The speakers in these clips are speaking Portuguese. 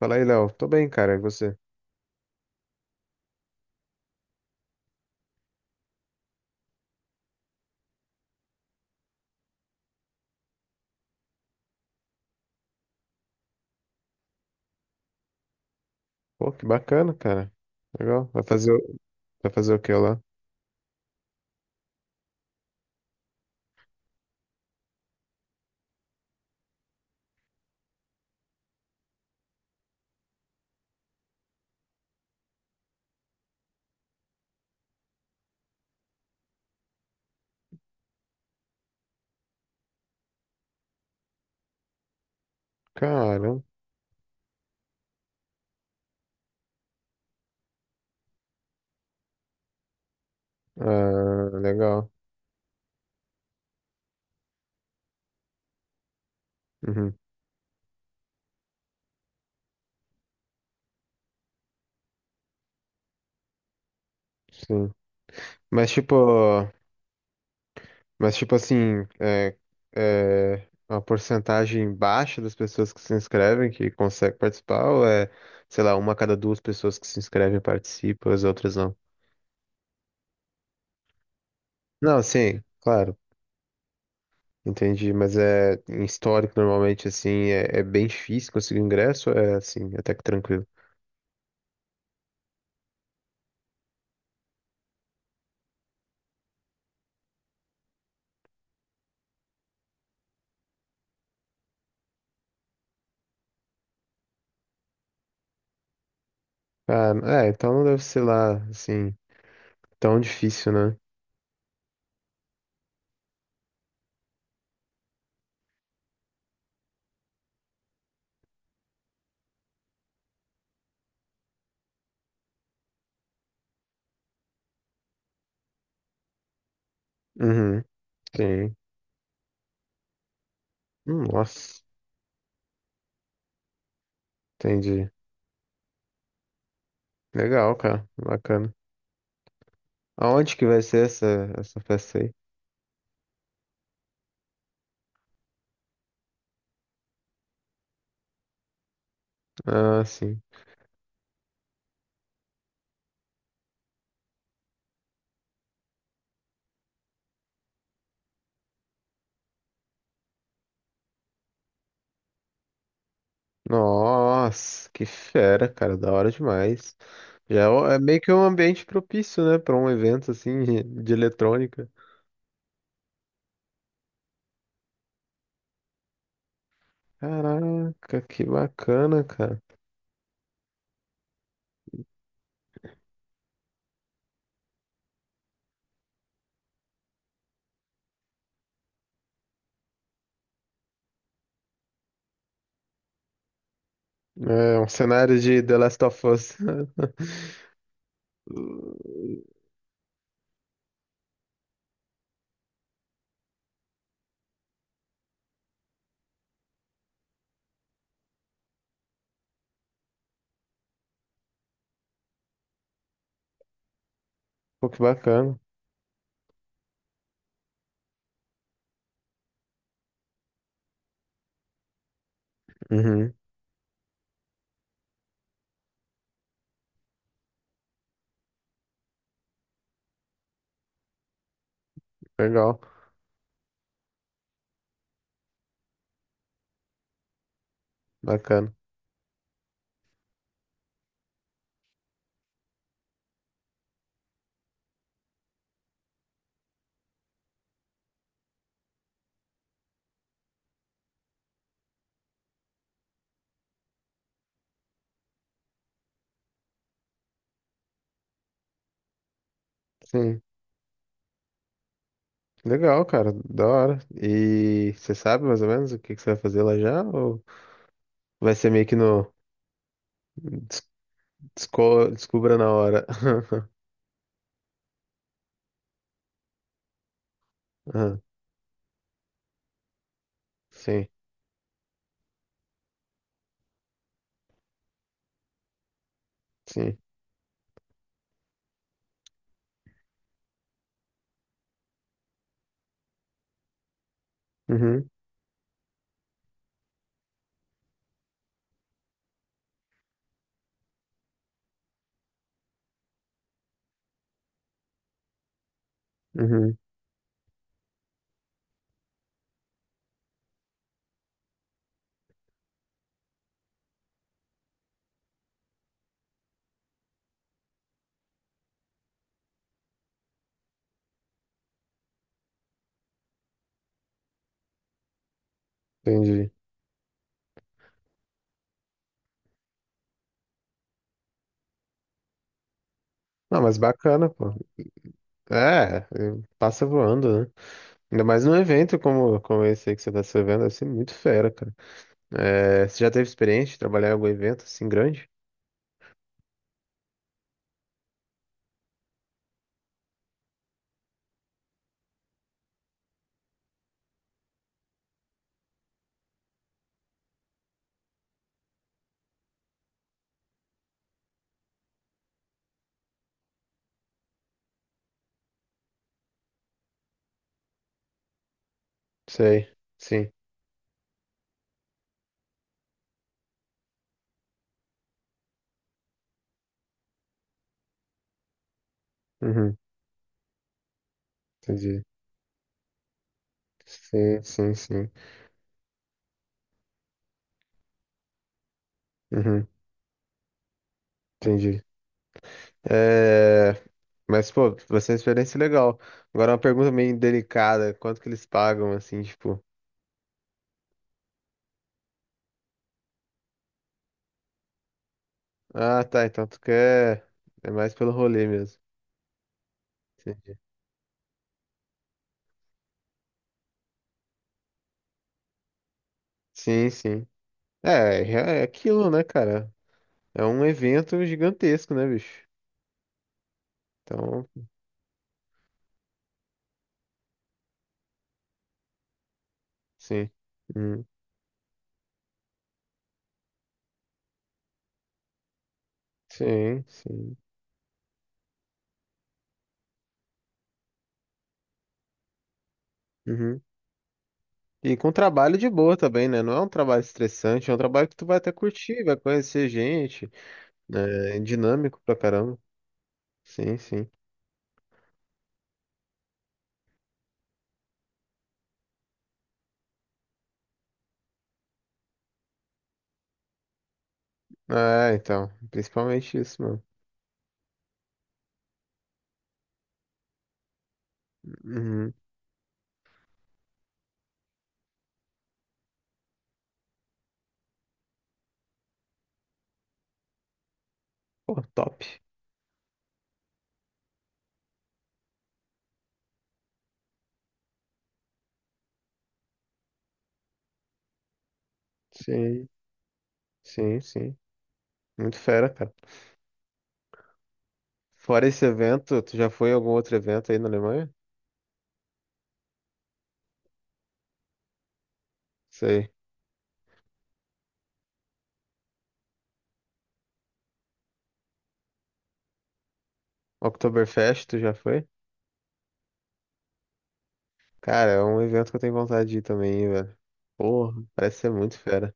Fala aí, Léo. Tô bem, cara. E você? Pô, que bacana, cara. Legal. Vai fazer o que lá? Cara, ah, legal. Uhum, sim. Mas tipo, mas tipo assim, é uma porcentagem baixa das pessoas que se inscrevem que consegue participar sei lá, uma a cada duas pessoas que se inscrevem participa, as outras não? Não, sim, claro. Entendi, mas é em histórico normalmente é bem difícil conseguir ingresso, é assim, até que tranquilo. Ah, é, então não deve ser lá, assim, tão difícil, né? Uhum, sim. Nossa, entendi. Legal, cara. Bacana. Aonde que vai ser essa festa aí? Ah, sim. Nossa, que fera, cara. Da hora demais. É meio que um ambiente propício, né? Pra um evento, assim, de eletrônica. Caraca, que bacana, cara. É um cenário de The Last of Us. Pô, que bacana. Uhum, legal. Bacana. Sim. Legal, cara. Da hora. E você sabe mais ou menos o que você vai fazer lá já? Ou vai ser meio que no des- desco- descubra na hora? Ah, sim, sim. Uhum, uhum, entendi. Não, mas bacana, pô. É, é, passa voando, né? Ainda mais num evento como esse aí que você tá se vendo, deve ser muito fera, cara. É, você já teve experiência de trabalhar em algum evento assim grande? Sei, sim. Uhum, entendi. Sim, sim, sim. Uhum, entendi. É, mas, pô, vai ser uma experiência legal. Agora, uma pergunta meio delicada: quanto que eles pagam, assim, tipo. Ah, tá, então tu quer. É mais pelo rolê mesmo. Entendi. Sim, sim. É, é é aquilo, né, cara? É um evento gigantesco, né, bicho? Então, sim. Uhum. Sim, sim. Uhum. E com trabalho de boa também, né? Não é um trabalho estressante, é um trabalho que tu vai até curtir, vai conhecer gente, né? É dinâmico pra caramba. Sim, sim. É, então, principalmente isso, mano. Uhum. Pô, top. Sim, sim, sim. Muito fera, cara. Fora esse evento, tu já foi a algum outro evento aí na Alemanha? Sei. Oktoberfest, tu já foi? Cara, é um evento que eu tenho vontade de ir também, hein, velho. Porra, parece ser muito fera.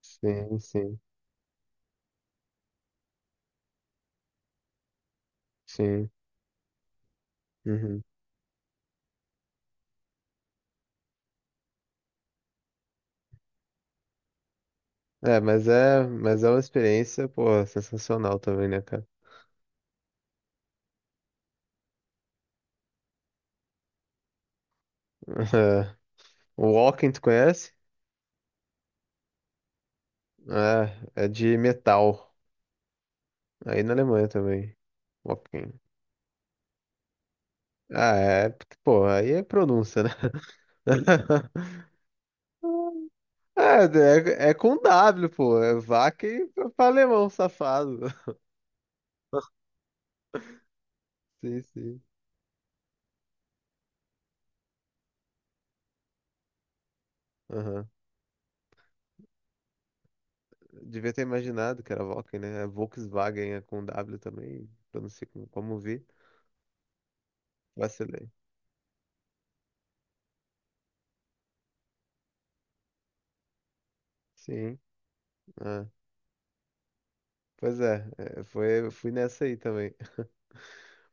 Sim, sim, sim. Uhum. É, mas é uma experiência, pô, sensacional também, né, cara? O Walking, tu conhece? É, é de metal. Aí na Alemanha também. Ok. Ah, é. Pô, aí é pronúncia, né? É, é com W, pô. É vaca e pra alemão, safado. Sim, sim. Aham. Devia ter imaginado que era Volkswagen, né? É Volkswagen é com W também, pronuncia como vi. Vacilei. Sim. Ah. Pois é, eu fui nessa aí também.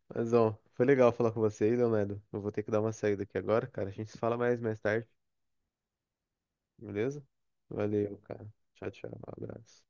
Mas, bom, foi legal falar com você aí, Leonardo. Eu vou ter que dar uma saída aqui agora, cara. A gente se fala mais tarde. Beleza? Valeu, cara. Tchau, tchau. Abraço.